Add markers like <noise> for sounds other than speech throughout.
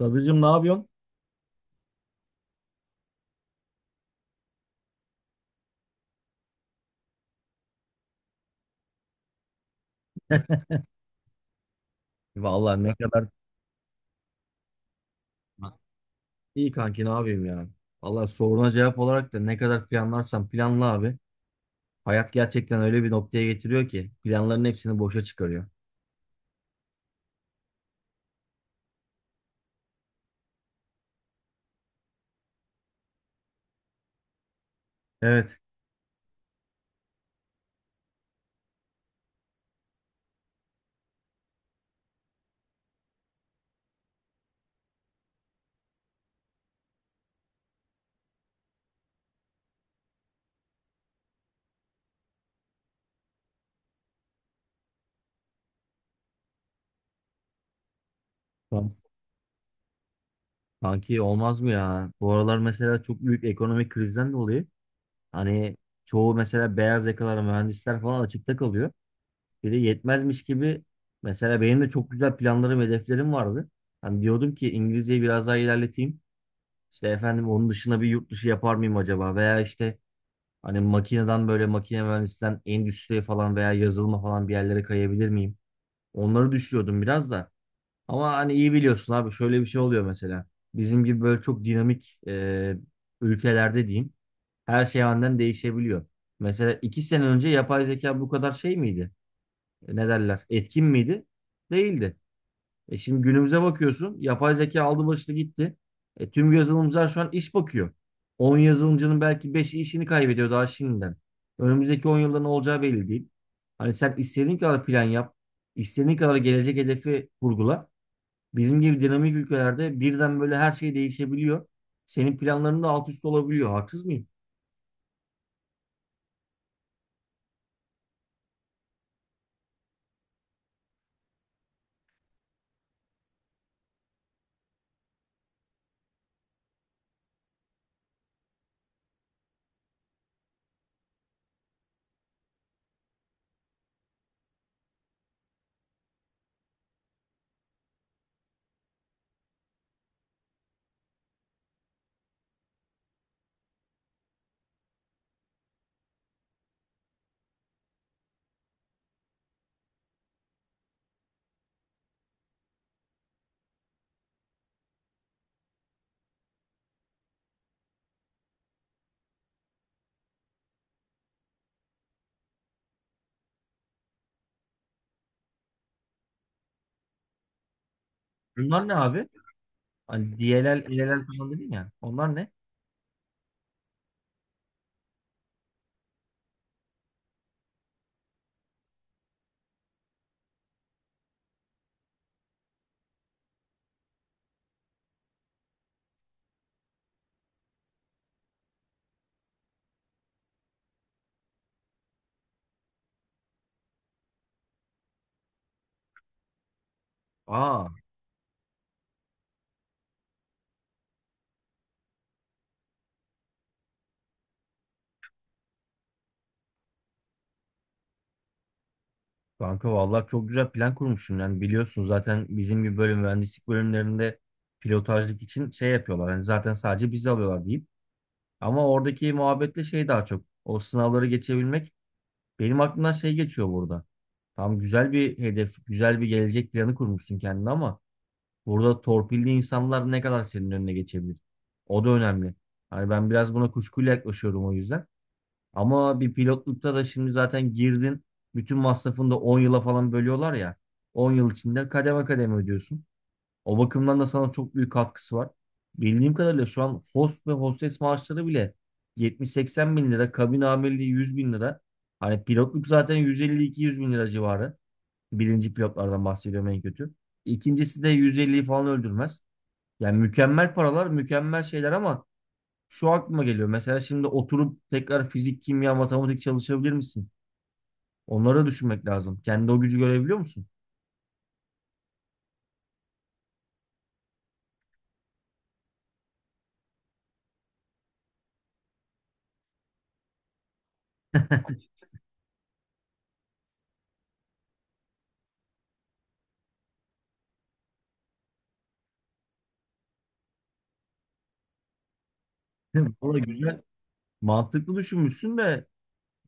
Sadıcığım ne yapıyorsun? <laughs> Vallahi ne kadar iyi kanki ne yapayım ya. Vallahi soruna cevap olarak da ne kadar planlarsan planla abi. Hayat gerçekten öyle bir noktaya getiriyor ki planların hepsini boşa çıkarıyor. Evet. Kan- Kanki olmaz mı ya? Bu aralar mesela çok büyük ekonomik krizden dolayı hani çoğu mesela beyaz yakalar mühendisler falan açıkta kalıyor. Bir de yetmezmiş gibi mesela benim de çok güzel planlarım hedeflerim vardı. Hani diyordum ki İngilizceyi biraz daha ilerleteyim. İşte efendim onun dışına bir yurt dışı yapar mıyım acaba? Veya işte hani makineden böyle makine mühendisinden endüstriye falan veya yazılıma falan bir yerlere kayabilir miyim? Onları düşünüyordum biraz da. Ama hani iyi biliyorsun abi şöyle bir şey oluyor mesela. Bizim gibi böyle çok dinamik ülkelerde diyeyim her şey aniden değişebiliyor. Mesela iki sene önce yapay zeka bu kadar şey miydi? E, ne derler? Etkin miydi? Değildi. E şimdi günümüze bakıyorsun. Yapay zeka aldı başını gitti. E tüm yazılımcılar şu an iş bakıyor. 10 yazılımcının belki 5'i işini kaybediyor daha şimdiden. Önümüzdeki 10 yılda ne olacağı belli değil. Hani sen istediğin kadar plan yap, istediğin kadar gelecek hedefi kurgula. Bizim gibi dinamik ülkelerde birden böyle her şey değişebiliyor. Senin planların da alt üst olabiliyor. Haksız mıyım? Bunlar ne abi? Hani DLL, LLL falan dedin ya. Onlar ne? Aa. Kanka vallahi çok güzel plan kurmuşsun. Yani biliyorsun zaten bizim gibi bölüm mühendislik bölümlerinde pilotajlık için şey yapıyorlar. Yani zaten sadece bizi alıyorlar deyip. Ama oradaki muhabbetle şey daha çok. O sınavları geçebilmek. Benim aklımdan şey geçiyor burada. Tam güzel bir hedef, güzel bir gelecek planı kurmuşsun kendine ama burada torpilli insanlar ne kadar senin önüne geçebilir? O da önemli. Hani ben biraz buna kuşkuyla yaklaşıyorum o yüzden. Ama bir pilotlukta da şimdi zaten girdin. Bütün masrafını da 10 yıla falan bölüyorlar ya. 10 yıl içinde kademe kademe ödüyorsun. O bakımdan da sana çok büyük katkısı var. Bildiğim kadarıyla şu an host ve hostes maaşları bile 70-80 bin TL. Kabin amirliği 100 bin TL. Hani pilotluk zaten 150-200 bin TL civarı. Birinci pilotlardan bahsediyorum en kötü. İkincisi de 150'yi falan öldürmez. Yani mükemmel paralar, mükemmel şeyler ama şu aklıma geliyor. Mesela şimdi oturup tekrar fizik, kimya, matematik çalışabilir misin? Onları da düşünmek lazım. Kendi o gücü görebiliyor musun? <laughs> Valla güzel. Mantıklı düşünmüşsün de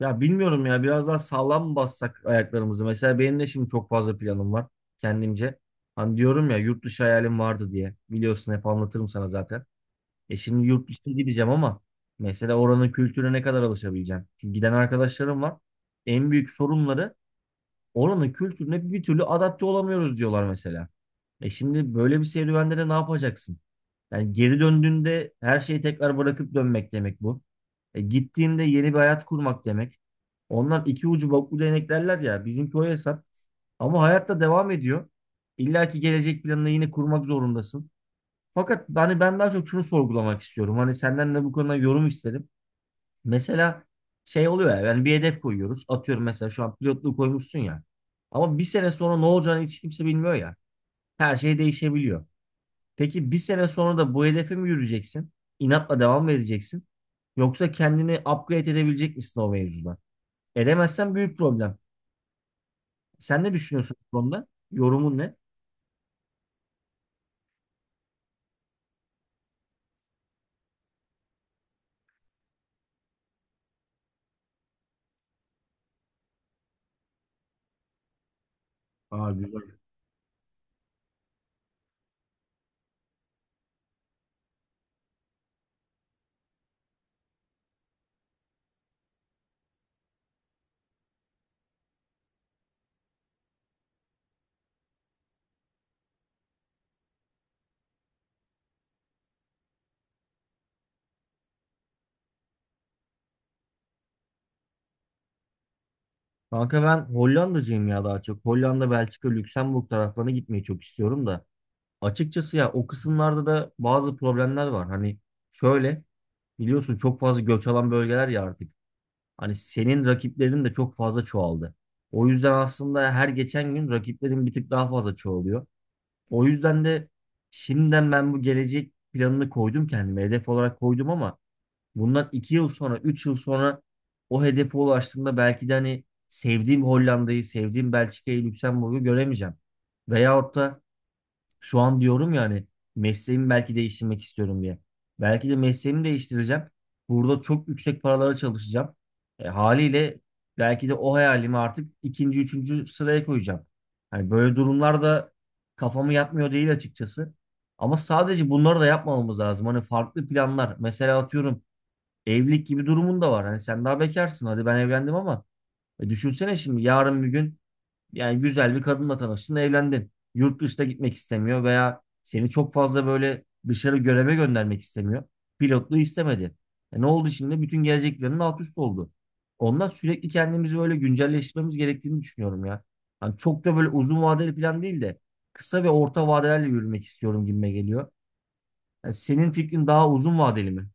ya bilmiyorum ya biraz daha sağlam mı bassak ayaklarımızı. Mesela benim de şimdi çok fazla planım var kendimce. Hani diyorum ya yurt dışı hayalim vardı diye. Biliyorsun hep anlatırım sana zaten. E şimdi yurt dışına gideceğim ama mesela oranın kültürüne ne kadar alışabileceğim? Çünkü giden arkadaşlarım var. En büyük sorunları oranın kültürüne bir türlü adapte olamıyoruz diyorlar mesela. E şimdi böyle bir serüvende de ne yapacaksın? Yani geri döndüğünde her şeyi tekrar bırakıp dönmek demek bu. E gittiğinde yeni bir hayat kurmak demek. Ondan iki ucu boklu değnek derler ya. Bizimki o hesap. Ama hayatta devam ediyor. İlla ki gelecek planını yine kurmak zorundasın. Fakat hani ben daha çok şunu sorgulamak istiyorum. Hani senden de bu konuda yorum isterim. Mesela şey oluyor ya yani bir hedef koyuyoruz. Atıyorum mesela şu an pilotluğu koymuşsun ya. Ama bir sene sonra ne olacağını hiç kimse bilmiyor ya. Her şey değişebiliyor. Peki bir sene sonra da bu hedefe mi yürüyeceksin? İnatla devam mı edeceksin? Yoksa kendini upgrade edebilecek misin o mevzuda? Edemezsen büyük problem. Sen ne düşünüyorsun bu konuda? Yorumun ne? Aa, güzel. Kanka ben Hollanda'cıyım ya daha çok. Hollanda, Belçika, Lüksemburg taraflarına gitmeyi çok istiyorum da. Açıkçası ya o kısımlarda da bazı problemler var. Hani şöyle biliyorsun çok fazla göç alan bölgeler ya artık. Hani senin rakiplerin de çok fazla çoğaldı. O yüzden aslında her geçen gün rakiplerin bir tık daha fazla çoğalıyor. O yüzden de şimdiden ben bu gelecek planını koydum kendime. Hedef olarak koydum ama bundan 2 yıl sonra, 3 yıl sonra o hedefe ulaştığımda belki de hani sevdiğim Hollanda'yı, sevdiğim Belçika'yı, Lüksemburg'u göremeyeceğim. Veyahut da şu an diyorum ya hani mesleğimi belki değiştirmek istiyorum diye. Belki de mesleğimi değiştireceğim. Burada çok yüksek paralara çalışacağım. E, haliyle belki de o hayalimi artık ikinci, üçüncü sıraya koyacağım. Hani böyle durumlarda kafamı yatmıyor değil açıkçası. Ama sadece bunları da yapmamamız lazım. Hani farklı planlar. Mesela atıyorum evlilik gibi durumun da var. Hani sen daha bekarsın. Hadi ben evlendim ama düşünsene şimdi yarın bir gün yani güzel bir kadınla tanıştın, evlendin. Yurt dışına gitmek istemiyor veya seni çok fazla böyle dışarı göreve göndermek istemiyor. Pilotluğu istemedi. E ne oldu şimdi? Bütün gelecek planın alt üst oldu. Ondan sürekli kendimizi böyle güncelleştirmemiz gerektiğini düşünüyorum ya. Hani çok da böyle uzun vadeli plan değil de kısa ve orta vadelerle yürümek istiyorum gibime geliyor. Yani senin fikrin daha uzun vadeli mi?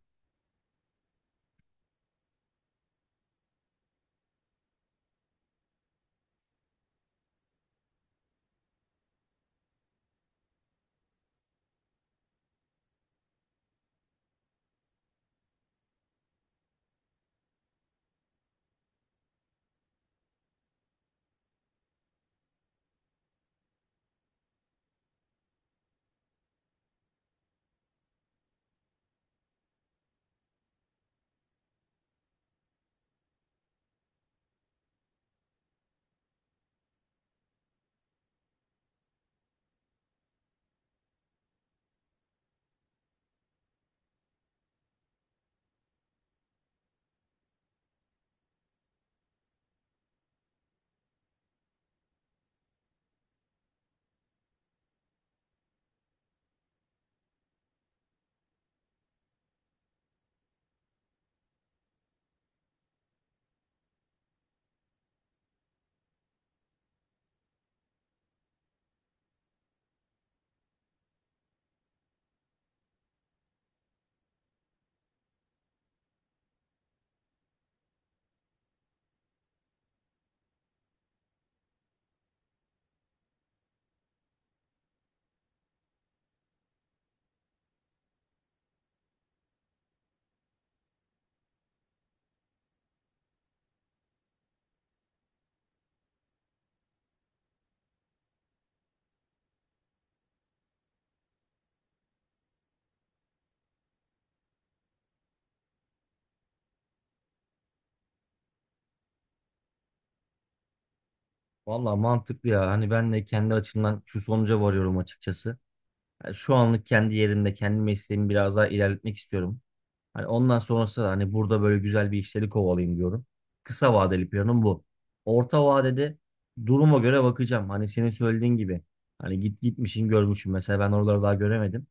Valla mantıklı ya. Hani ben de kendi açımdan şu sonuca varıyorum açıkçası. Yani şu anlık kendi yerimde, kendi mesleğimi biraz daha ilerletmek istiyorum. Hani ondan sonrası da hani burada böyle güzel bir işleri kovalayayım diyorum. Kısa vadeli planım bu. Orta vadede duruma göre bakacağım. Hani senin söylediğin gibi. Hani git gitmişim görmüşüm. Mesela ben oraları daha göremedim.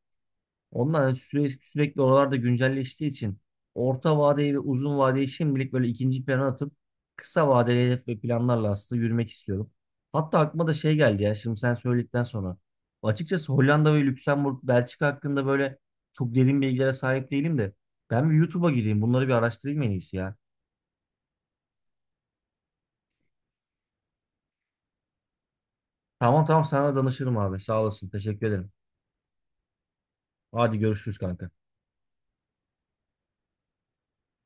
Onlar sürekli, sürekli oralarda güncelleştiği için orta vadeyi ve uzun vadeyi şimdilik böyle ikinci plana atıp kısa vadeli hedef ve planlarla aslında yürümek istiyorum. Hatta aklıma da şey geldi ya şimdi sen söyledikten sonra. Açıkçası Hollanda ve Lüksemburg, Belçika hakkında böyle çok derin bilgilere sahip değilim de ben bir YouTube'a gireyim bunları bir araştırayım en iyisi ya. Tamam tamam sana danışırım abi sağ olasın teşekkür ederim. Hadi görüşürüz kanka.